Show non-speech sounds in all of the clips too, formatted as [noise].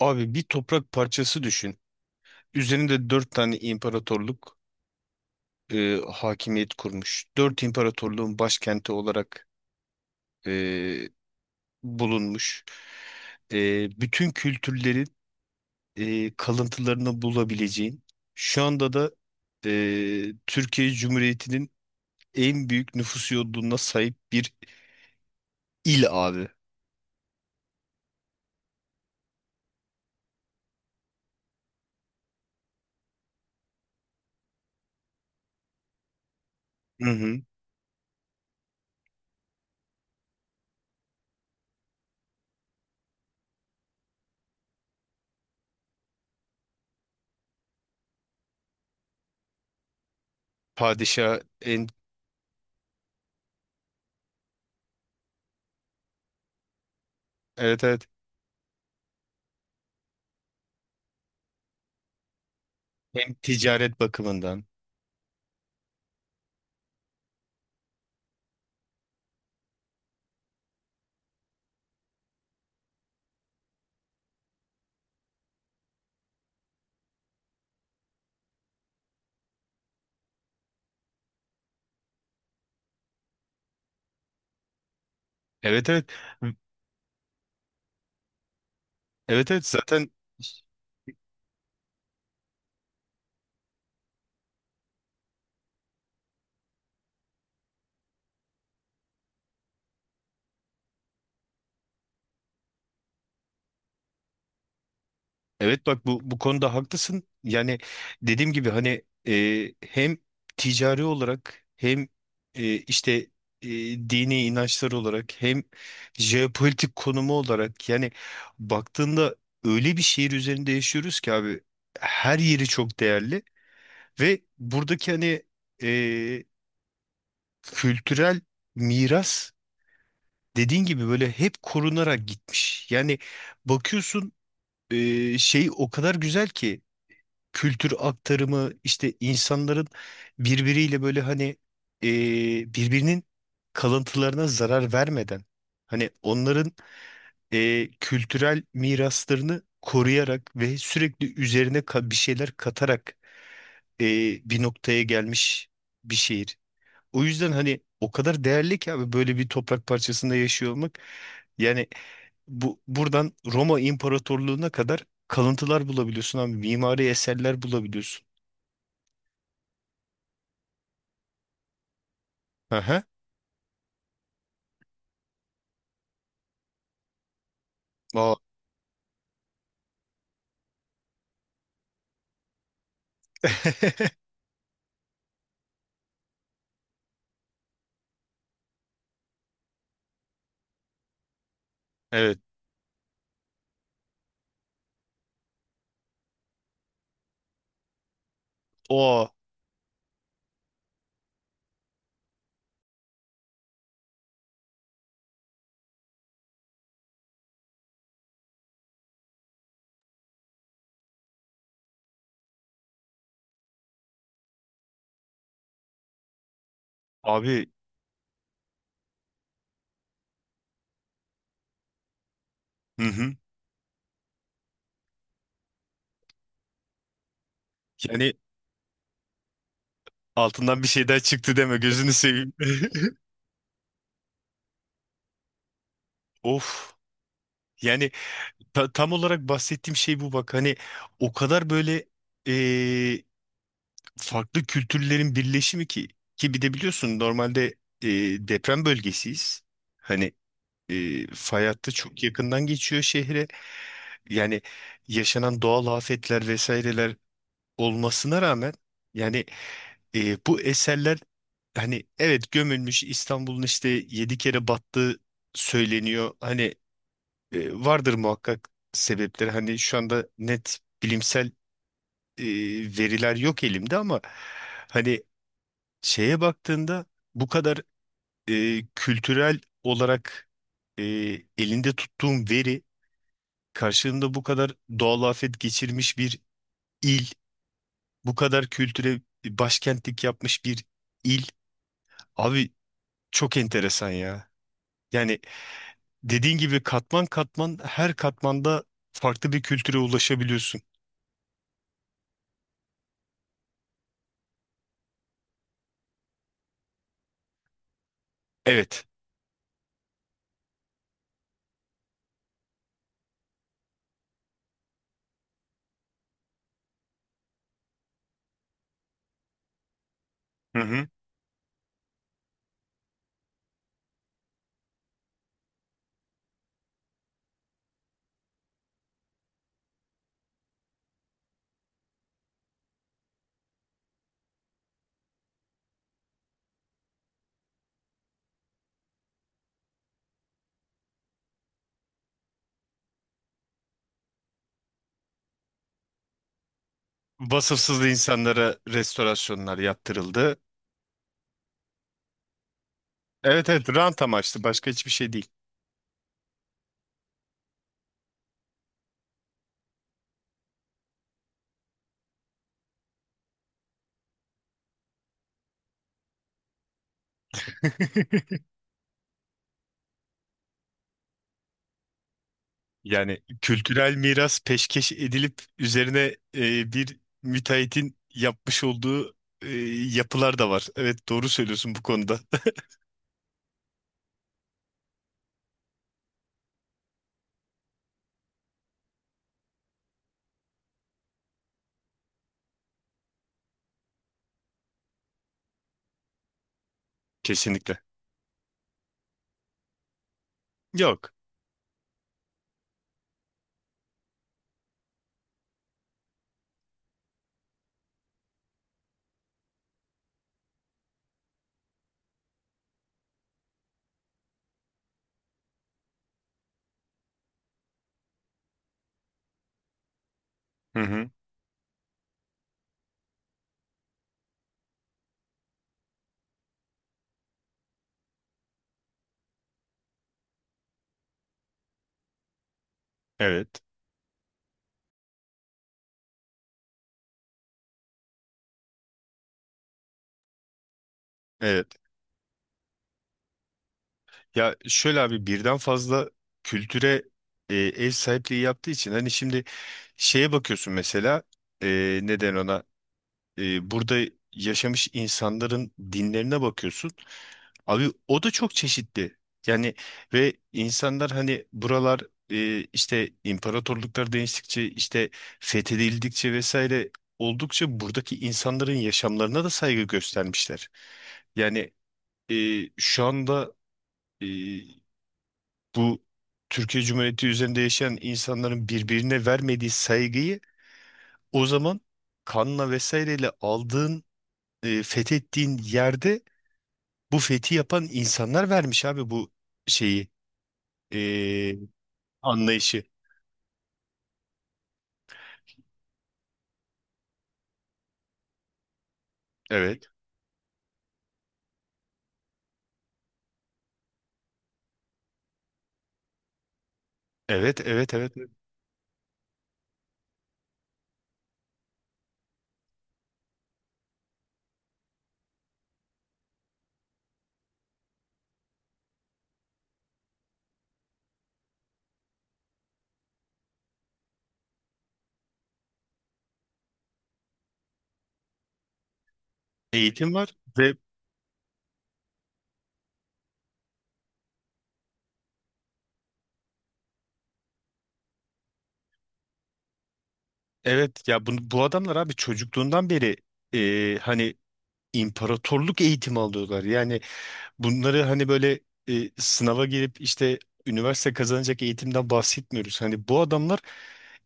Abi bir toprak parçası düşün. Üzerinde dört tane imparatorluk hakimiyet kurmuş. Dört imparatorluğun başkenti olarak e, bulunmuş. Bütün kültürlerin kalıntılarını bulabileceğin. Şu anda da Türkiye Cumhuriyeti'nin en büyük nüfus yoğunluğuna sahip bir il abi. Hı hı. Padişah en, evet evet, hem ticaret bakımından. Evet evet. Evet evet zaten. Evet bak, bu konuda haklısın. Yani dediğim gibi, hani hem ticari olarak, hem işte e, dini inançlar olarak, hem jeopolitik konumu olarak, yani baktığında öyle bir şehir üzerinde yaşıyoruz ki abi, her yeri çok değerli. Ve buradaki hani e, kültürel miras, dediğin gibi böyle hep korunarak gitmiş. Yani bakıyorsun şey, o kadar güzel ki kültür aktarımı, işte insanların birbiriyle böyle hani e, birbirinin kalıntılarına zarar vermeden, hani onların kültürel miraslarını koruyarak ve sürekli üzerine bir şeyler katarak e, bir noktaya gelmiş bir şehir. O yüzden hani o kadar değerli ki abi, böyle bir toprak parçasında yaşıyor olmak. Yani buradan Roma İmparatorluğu'na kadar kalıntılar bulabiliyorsun abi, mimari eserler bulabiliyorsun. Aha. Aa, [laughs] evet. O abi. Hı hı. Yani altından bir şey daha çıktı deme, gözünü seveyim. [laughs] Of. Yani tam olarak bahsettiğim şey bu, bak. Hani o kadar böyle eee, farklı kültürlerin birleşimi ki, ki bir de biliyorsun, normalde deprem bölgesiyiz. Hani fay hattı çok yakından geçiyor şehre. Yani yaşanan doğal afetler vesaireler olmasına rağmen, yani bu eserler, hani evet, gömülmüş. İstanbul'un işte 7 kere battığı söyleniyor. Hani vardır muhakkak sebepleri. Hani şu anda net bilimsel e, veriler yok elimde, ama hani şeye baktığında, bu kadar kültürel olarak e, elinde tuttuğum veri karşılığında bu kadar doğal afet geçirmiş bir il, bu kadar kültüre başkentlik yapmış bir il. Abi çok enteresan ya. Yani dediğin gibi katman katman, her katmanda farklı bir kültüre ulaşabiliyorsun. Evet. Hı hı. Vasıfsız insanlara restorasyonlar yaptırıldı. Evet evet, rant amaçlı, başka hiçbir şey değil. [laughs] Yani kültürel miras peşkeş edilip üzerine bir müteahhitin yapmış olduğu e, yapılar da var. Evet doğru söylüyorsun bu konuda. [laughs] Kesinlikle. Yok. Hı hı. Evet. Evet. Ya şöyle abi, birden fazla kültüre ev sahipliği yaptığı için, hani şimdi şeye bakıyorsun mesela, neden ona burada yaşamış insanların dinlerine bakıyorsun. Abi o da çok çeşitli. Yani ve insanlar hani buralar işte imparatorluklar değiştikçe, işte fethedildikçe vesaire oldukça, buradaki insanların yaşamlarına da saygı göstermişler. Yani şu anda e, bu Türkiye Cumhuriyeti üzerinde yaşayan insanların birbirine vermediği saygıyı, o zaman kanla vesaireyle aldığın, fethettiğin yerde bu fethi yapan insanlar vermiş abi bu şeyi, e, anlayışı. Evet, evet, evet, evet, evet. Eğitim var ve evet, ya bu adamlar abi çocukluğundan beri hani imparatorluk eğitimi alıyorlar. Yani bunları hani böyle sınava girip işte üniversite kazanacak eğitimden bahsetmiyoruz. Hani bu adamlar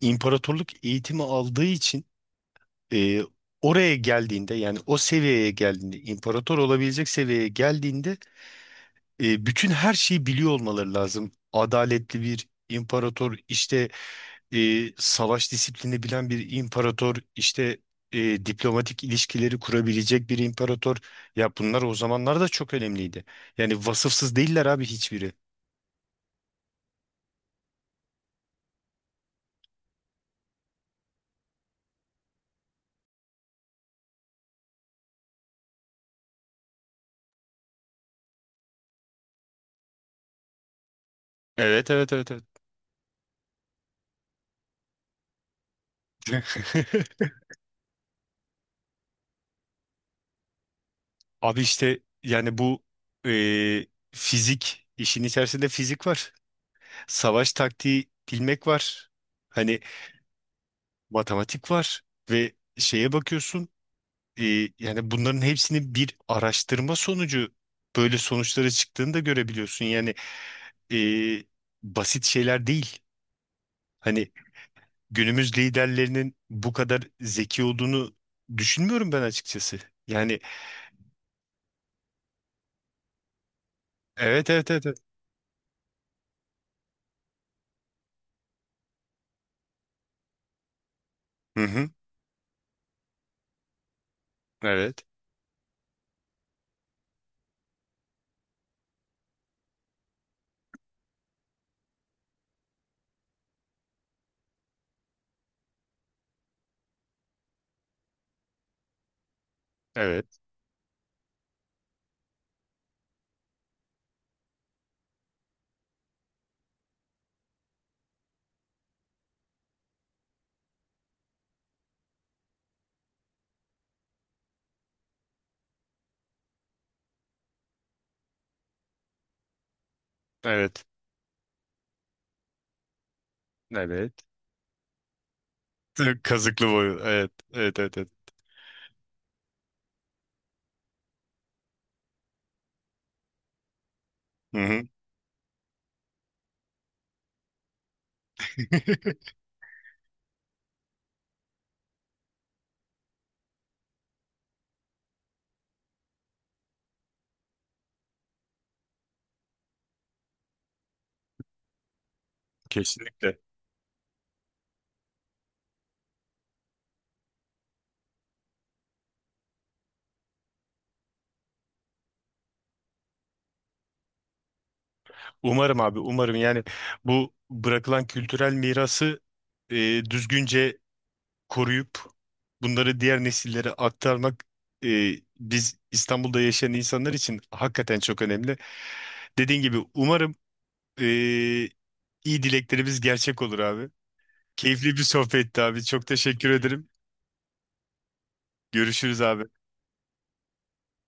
imparatorluk eğitimi aldığı için e, oraya geldiğinde, yani o seviyeye geldiğinde, imparator olabilecek seviyeye geldiğinde bütün her şeyi biliyor olmaları lazım. Adaletli bir imparator, işte e, savaş disiplini bilen bir imparator, işte diplomatik ilişkileri kurabilecek bir imparator. Ya bunlar o zamanlar da çok önemliydi. Yani vasıfsız değiller abi, hiçbiri. Evet evet evet evet. [laughs] Abi işte yani bu e, fizik, işin içerisinde fizik var. Savaş taktiği bilmek var. Hani matematik var ve şeye bakıyorsun e, yani bunların hepsini bir araştırma sonucu böyle sonuçları çıktığını da görebiliyorsun. Yani e, basit şeyler değil. Hani günümüz liderlerinin bu kadar zeki olduğunu düşünmüyorum ben açıkçası. Yani evet evet evet. Evet. Hı hı. Evet. Evet. Evet. Evet. Kazıklı boyu. Evet. Evet evet evet. Hı hı. [laughs] Kesinlikle. Umarım abi, umarım. Yani bu bırakılan kültürel mirası e, düzgünce koruyup bunları diğer nesillere aktarmak e, biz İstanbul'da yaşayan insanlar için hakikaten çok önemli. Dediğin gibi umarım e, iyi dileklerimiz gerçek olur abi. Keyifli bir sohbetti abi. Çok teşekkür ederim. Görüşürüz abi.